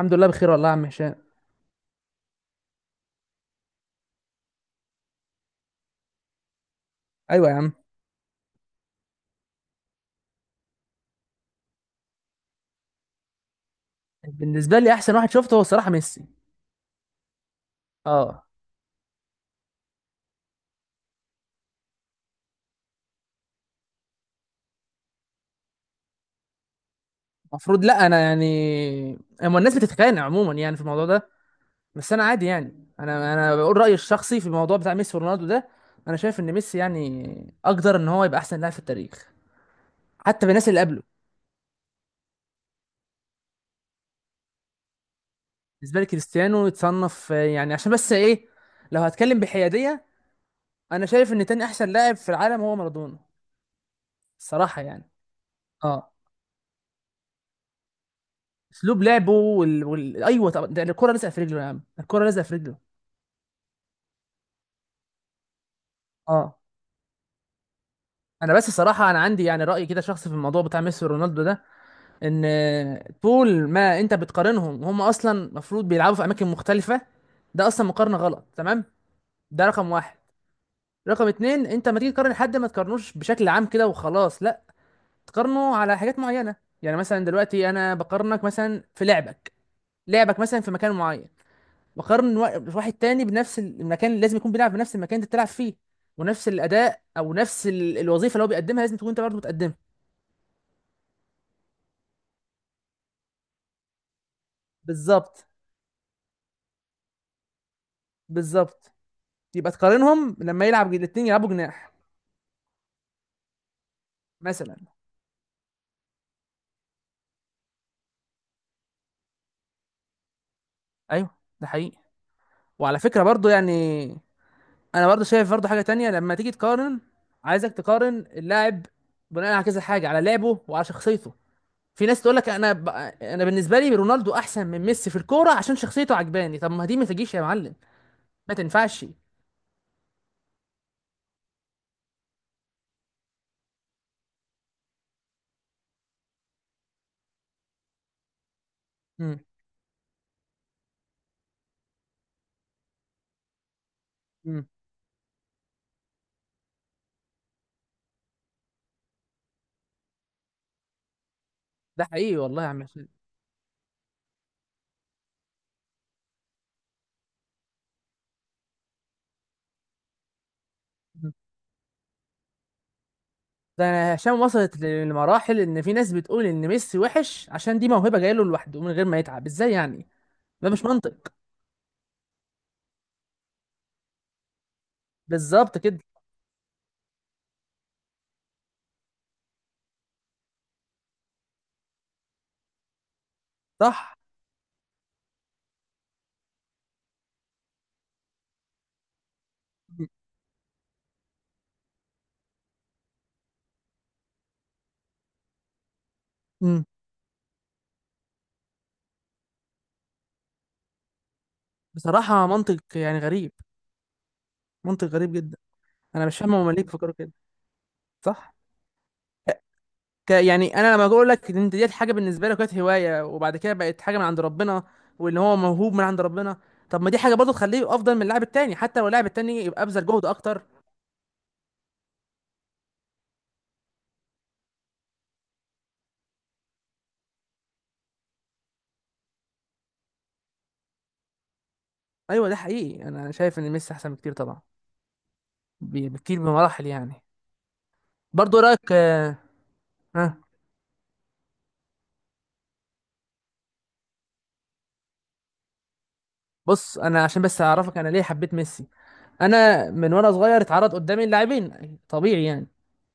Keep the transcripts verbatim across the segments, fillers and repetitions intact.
الحمد لله بخير والله يا عم هشام. ايوه يا عم. بالنسبه لي احسن واحد شفته هو الصراحه ميسي. اه. المفروض، لا انا يعني، اما الناس بتتخانق عموما يعني في الموضوع ده. بس انا عادي يعني، انا انا بقول رايي الشخصي في الموضوع بتاع ميسي ورونالدو ده. انا شايف ان ميسي يعني اقدر ان هو يبقى احسن لاعب في التاريخ، حتى بالناس اللي قبله. بالنسبه لي كريستيانو يتصنف آه، يعني عشان بس ايه، لو هتكلم بحياديه، انا شايف ان تاني احسن لاعب في العالم هو مارادونا. الصراحه يعني. اه. اسلوب لعبه وال... وال... ايوه، طب ده الكره لازقه في رجله يا عم، الكره لازقه في رجله. اه. انا بس صراحه، انا عندي يعني راي كده شخصي في الموضوع بتاع ميسي ورونالدو ده، ان طول ما انت بتقارنهم وهم اصلا المفروض بيلعبوا في اماكن مختلفه، ده اصلا مقارنه غلط، تمام؟ ده رقم واحد. رقم اتنين، انت ما تيجي تقارن حد ما تقارنوش بشكل عام كده وخلاص، لا، تقارنه على حاجات معينه. يعني مثلا دلوقتي انا بقارنك مثلا في لعبك، لعبك مثلا في مكان معين، بقارن وا- واحد تاني بنفس المكان، لازم يكون بيلعب بنفس المكان اللي انت بتلعب فيه. ونفس الاداء او نفس ال- الوظيفه اللي هو بيقدمها لازم تكون انت برضه بتقدمها. بالظبط. بالظبط. يبقى تقارنهم لما يلعب الاثنين، يلعبوا جناح. مثلا. ايوه ده حقيقي. وعلى فكره برضه يعني انا برضه شايف برضه حاجه تانية لما تيجي تقارن، عايزك تقارن اللاعب بناء على كذا حاجه، على لعبه وعلى شخصيته. في ناس تقول لك انا ب... انا بالنسبه لي رونالدو احسن من ميسي في الكوره عشان شخصيته عجباني. طب ما دي ما تجيش يا معلم، ما تنفعش. مم. ده حقيقي والله يا عم هشام. مم. ده، هشام، وصلت لمراحل ان في ناس بتقول ان ميسي وحش عشان دي موهبه جايله لوحده من غير ما يتعب، ازاي يعني؟ ده مش منطق. بالظبط كده. صح. مم. مم. بصراحه منطق يعني غريب، منطق غريب جدا. انا مش فاهم هما ليه بيفكروا كده. صح. ك يعني انا لما بقول لك ان انت ديت حاجه بالنسبه لك كانت هوايه وبعد كده بقت حاجه من عند ربنا، وان هو موهوب من عند ربنا، طب ما دي حاجه برضه تخليه افضل من اللاعب التاني، حتى لو اللاعب التاني يبقى ابذل جهد اكتر. ايوه ده حقيقي، انا شايف ان ميسي احسن بكتير طبعا، ب- بكتير بمراحل يعني. برضو إيه رايك آه، ها؟ بص، انا عشان بس اعرفك انا ليه حبيت ميسي، انا من وانا صغير اتعرض قدامي اللاعبين طبيعي يعني.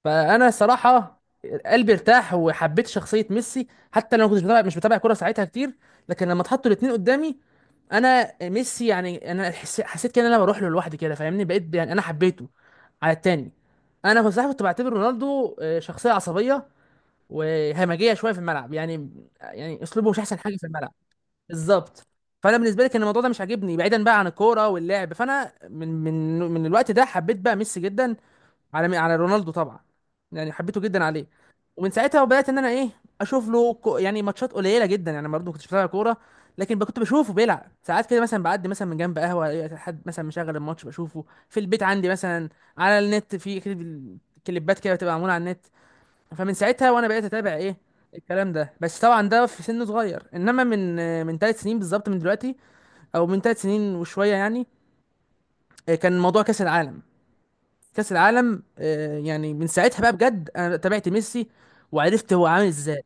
فانا صراحه قلبي ارتاح وحبيت شخصيه ميسي، حتى لو ما كنتش بتابع مش بتابع كوره ساعتها كتير، لكن لما اتحطوا الاثنين قدامي، انا ميسي يعني انا حس- حسيت كده ان انا بروح له لوحدي كده، فاهمني؟ بقيت يعني انا حبيته على التاني. انا كنت صراحه كنت بعتبر رونالدو آه، شخصيه عصبيه وهمجيه شويه في الملعب يعني. يعني اسلوبه مش احسن حاجه في الملعب. بالظبط. فانا بالنسبه لي كان الموضوع ده مش عاجبني بعيدا بقى عن الكوره واللعب، فانا من من من الوقت ده حبيت بقى ميسي جدا، على على رونالدو طبعا، يعني حبيته جدا عليه. ومن ساعتها وبدات ان انا ايه، اشوف له كو يعني ماتشات قليله جدا، يعني برضه ما كنتش بتابع كوره، لكن ب- كنت بشوفه بيلعب ساعات كده، مثلا بعدي مثلا من جنب قهوه ألاقي حد مثلا مشغل الماتش، بشوفه في البيت عندي مثلا، على النت في كليب- كليبات كده بتبقى معموله على النت. فمن ساعتها وانا بقيت اتابع ايه الكلام ده، بس طبعا ده في سن صغير. انما من من ثلاث سنين بالظبط من دلوقتي، او من ثلاث سنين وشويه يعني، آه، كان موضوع كاس العالم. كاس العالم، آه، يعني من ساعتها بقى بجد انا تابعت ميسي وعرفت هو عامل ازاي.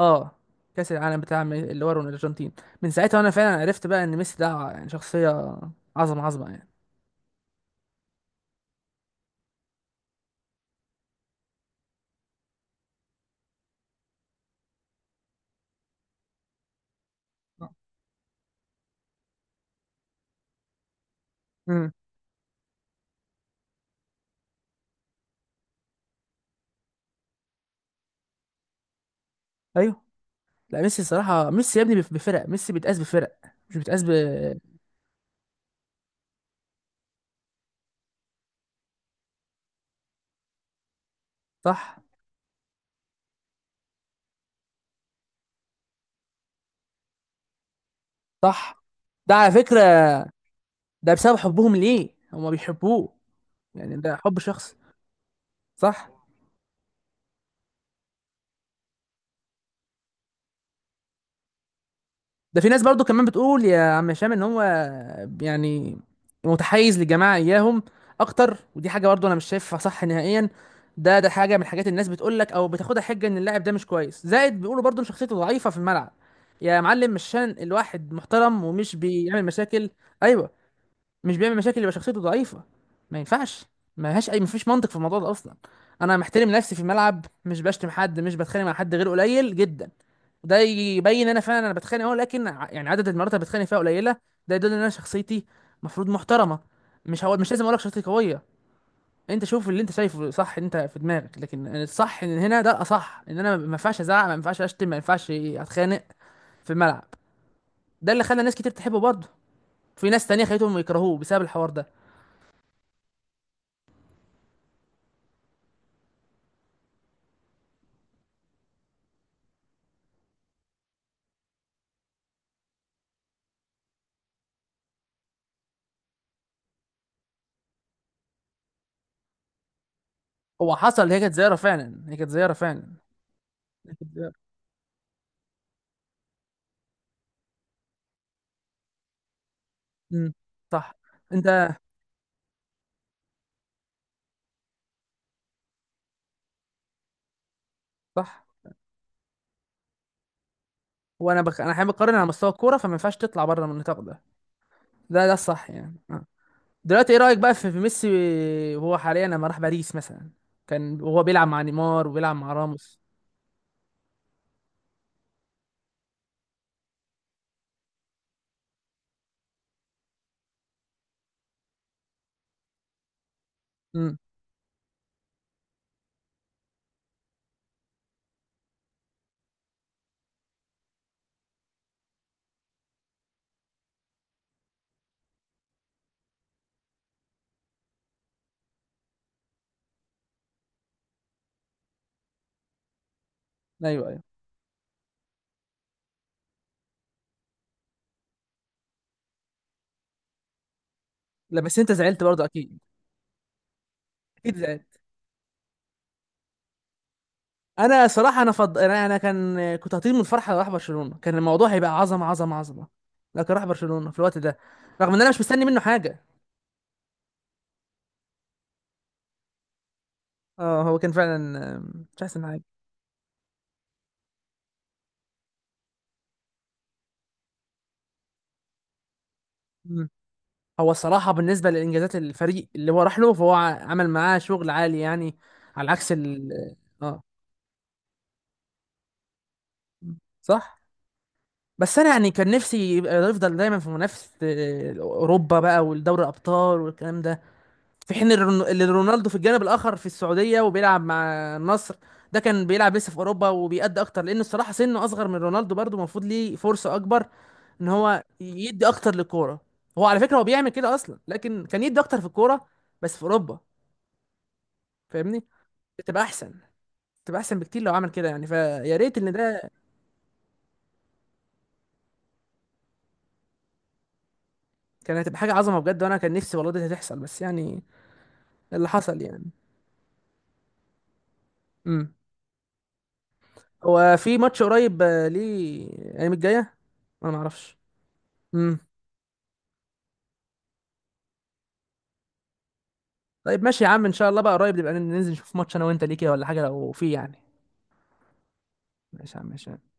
اه. كاس العالم بتاع م- اللي هو الارجنتين. من ساعتها وانا فعلا عرفت بقى ان ميسي ده ع- يعني شخصيه، عظمه عظمه يعني. امم. ايوه. لا ميسي الصراحه، ميسي يا ابني بف- بفرق، ميسي بيتقاس بفرق، مش بيتقاس ب صح. صح ده على فكرة، ده بسبب حبهم ليه، هما بيحبوه. يعني ده حب شخص. صح. ده في ناس برضو كمان بتقول يا عم هشام ان هو يعني متحيز للجماعه اياهم اكتر، ودي حاجه برضو انا مش شايفها صح نهائيا. ده ده حاجه من الحاجات الناس بتقول لك او بتاخدها حجه ان اللاعب ده مش كويس، زائد بيقولوا برضو ان شخصيته ضعيفه في الملعب. يا معلم مش عشان الواحد محترم ومش بيعمل مشاكل. ايوه. مش بيعمل مشاكل يبقى شخصيته ضعيفة؟ ما ينفعش. ما لهاش اي، مفيش منطق في الموضوع ده اصلا. انا محترم نفسي في الملعب، مش بشتم حد، مش بتخانق مع حد غير قليل جدا، وده يبين انا فعلا انا بتخانق اهو، لكن ع- يعني عدد المرات اللي بتخانق فيها قليلة، ده يدل ان انا شخصيتي مفروض محترمة. مش، هو مش لازم اقول لك شخصيتي قوية، انت شوف اللي انت شايفه صح انت في دماغك، لكن الصح ان هنا، ده الاصح ان انا ما ينفعش ازعق، ما ينفعش اشتم، ما ينفعش اتخانق في الملعب. ده اللي خلى ناس كتير تحبه برضه، في ناس تانية خليتهم يكرهوه بسبب الحوار ده. هو حصل، هي كانت زيارة فعلا، هي كانت زيارة فعلا، هي كانت زيارة. امم. صح. انت. صح، وانا بك... انا حابب اقارن على مستوى الكورة، فما ينفعش تطلع بره من النطاق ده. ده ده الصح يعني آه. دلوقتي ايه رأيك بقى في في ميسي وهو حاليا لما راح باريس مثلا، كان وهو بيلعب مع نيمار وبيلعب مع راموس. امم. ايوه ايوه. لا بس انت زعلت برضه اكيد. اكيد زعلت. انا صراحة انا فض... انا أنا كان كنت هطير من الفرحة لو راح برشلونة، كان الموضوع هيبقى عظمة، عظمة، عظمة، لكن راح برشلونة في الوقت ده، رغم ان انا مش مستني منه حاجة. اه هو كان فعلا آه، مش احسن حاجه. مم. هو الصراحه بالنسبه لانجازات الفريق اللي هو راح له، فهو ع- عمل معاه شغل عالي يعني، على عكس ال اه. صح، بس انا يعني كان نفسي يبقى يفضل دايما في منافسه آه، اوروبا بقى، والدوري الابطال والكلام ده، في حين الرون- اللي رونالدو في الجانب الاخر في السعوديه وبيلعب مع النصر، ده كان بيلعب لسه في اوروبا وبيأدي اكتر، لان الصراحه سنه اصغر من رونالدو برضه، المفروض ليه فرصه اكبر ان هو يدي اكتر للكوره. هو على فكره هو بيعمل كده اصلا، لكن كان يدي اكتر في الكوره، بس في اوروبا. فاهمني، بتبقى احسن، بتبقى احسن بكتير لو عمل كده يعني، فيا ريت ان ده كان، هتبقى حاجه عظمه بجد، وانا كان نفسي والله دي هتحصل، بس يعني اللي حصل يعني. امم. هو في ماتش قريب آه، ليه الايام الجايه؟ انا ما اعرفش. طيب ماشي يا عم ان شاء الله، بقى قريب نبقى ننزل نشوف ماتش انا وانت، ليكي ولا حاجه لو في يعني. ماشي يا عم ماشي.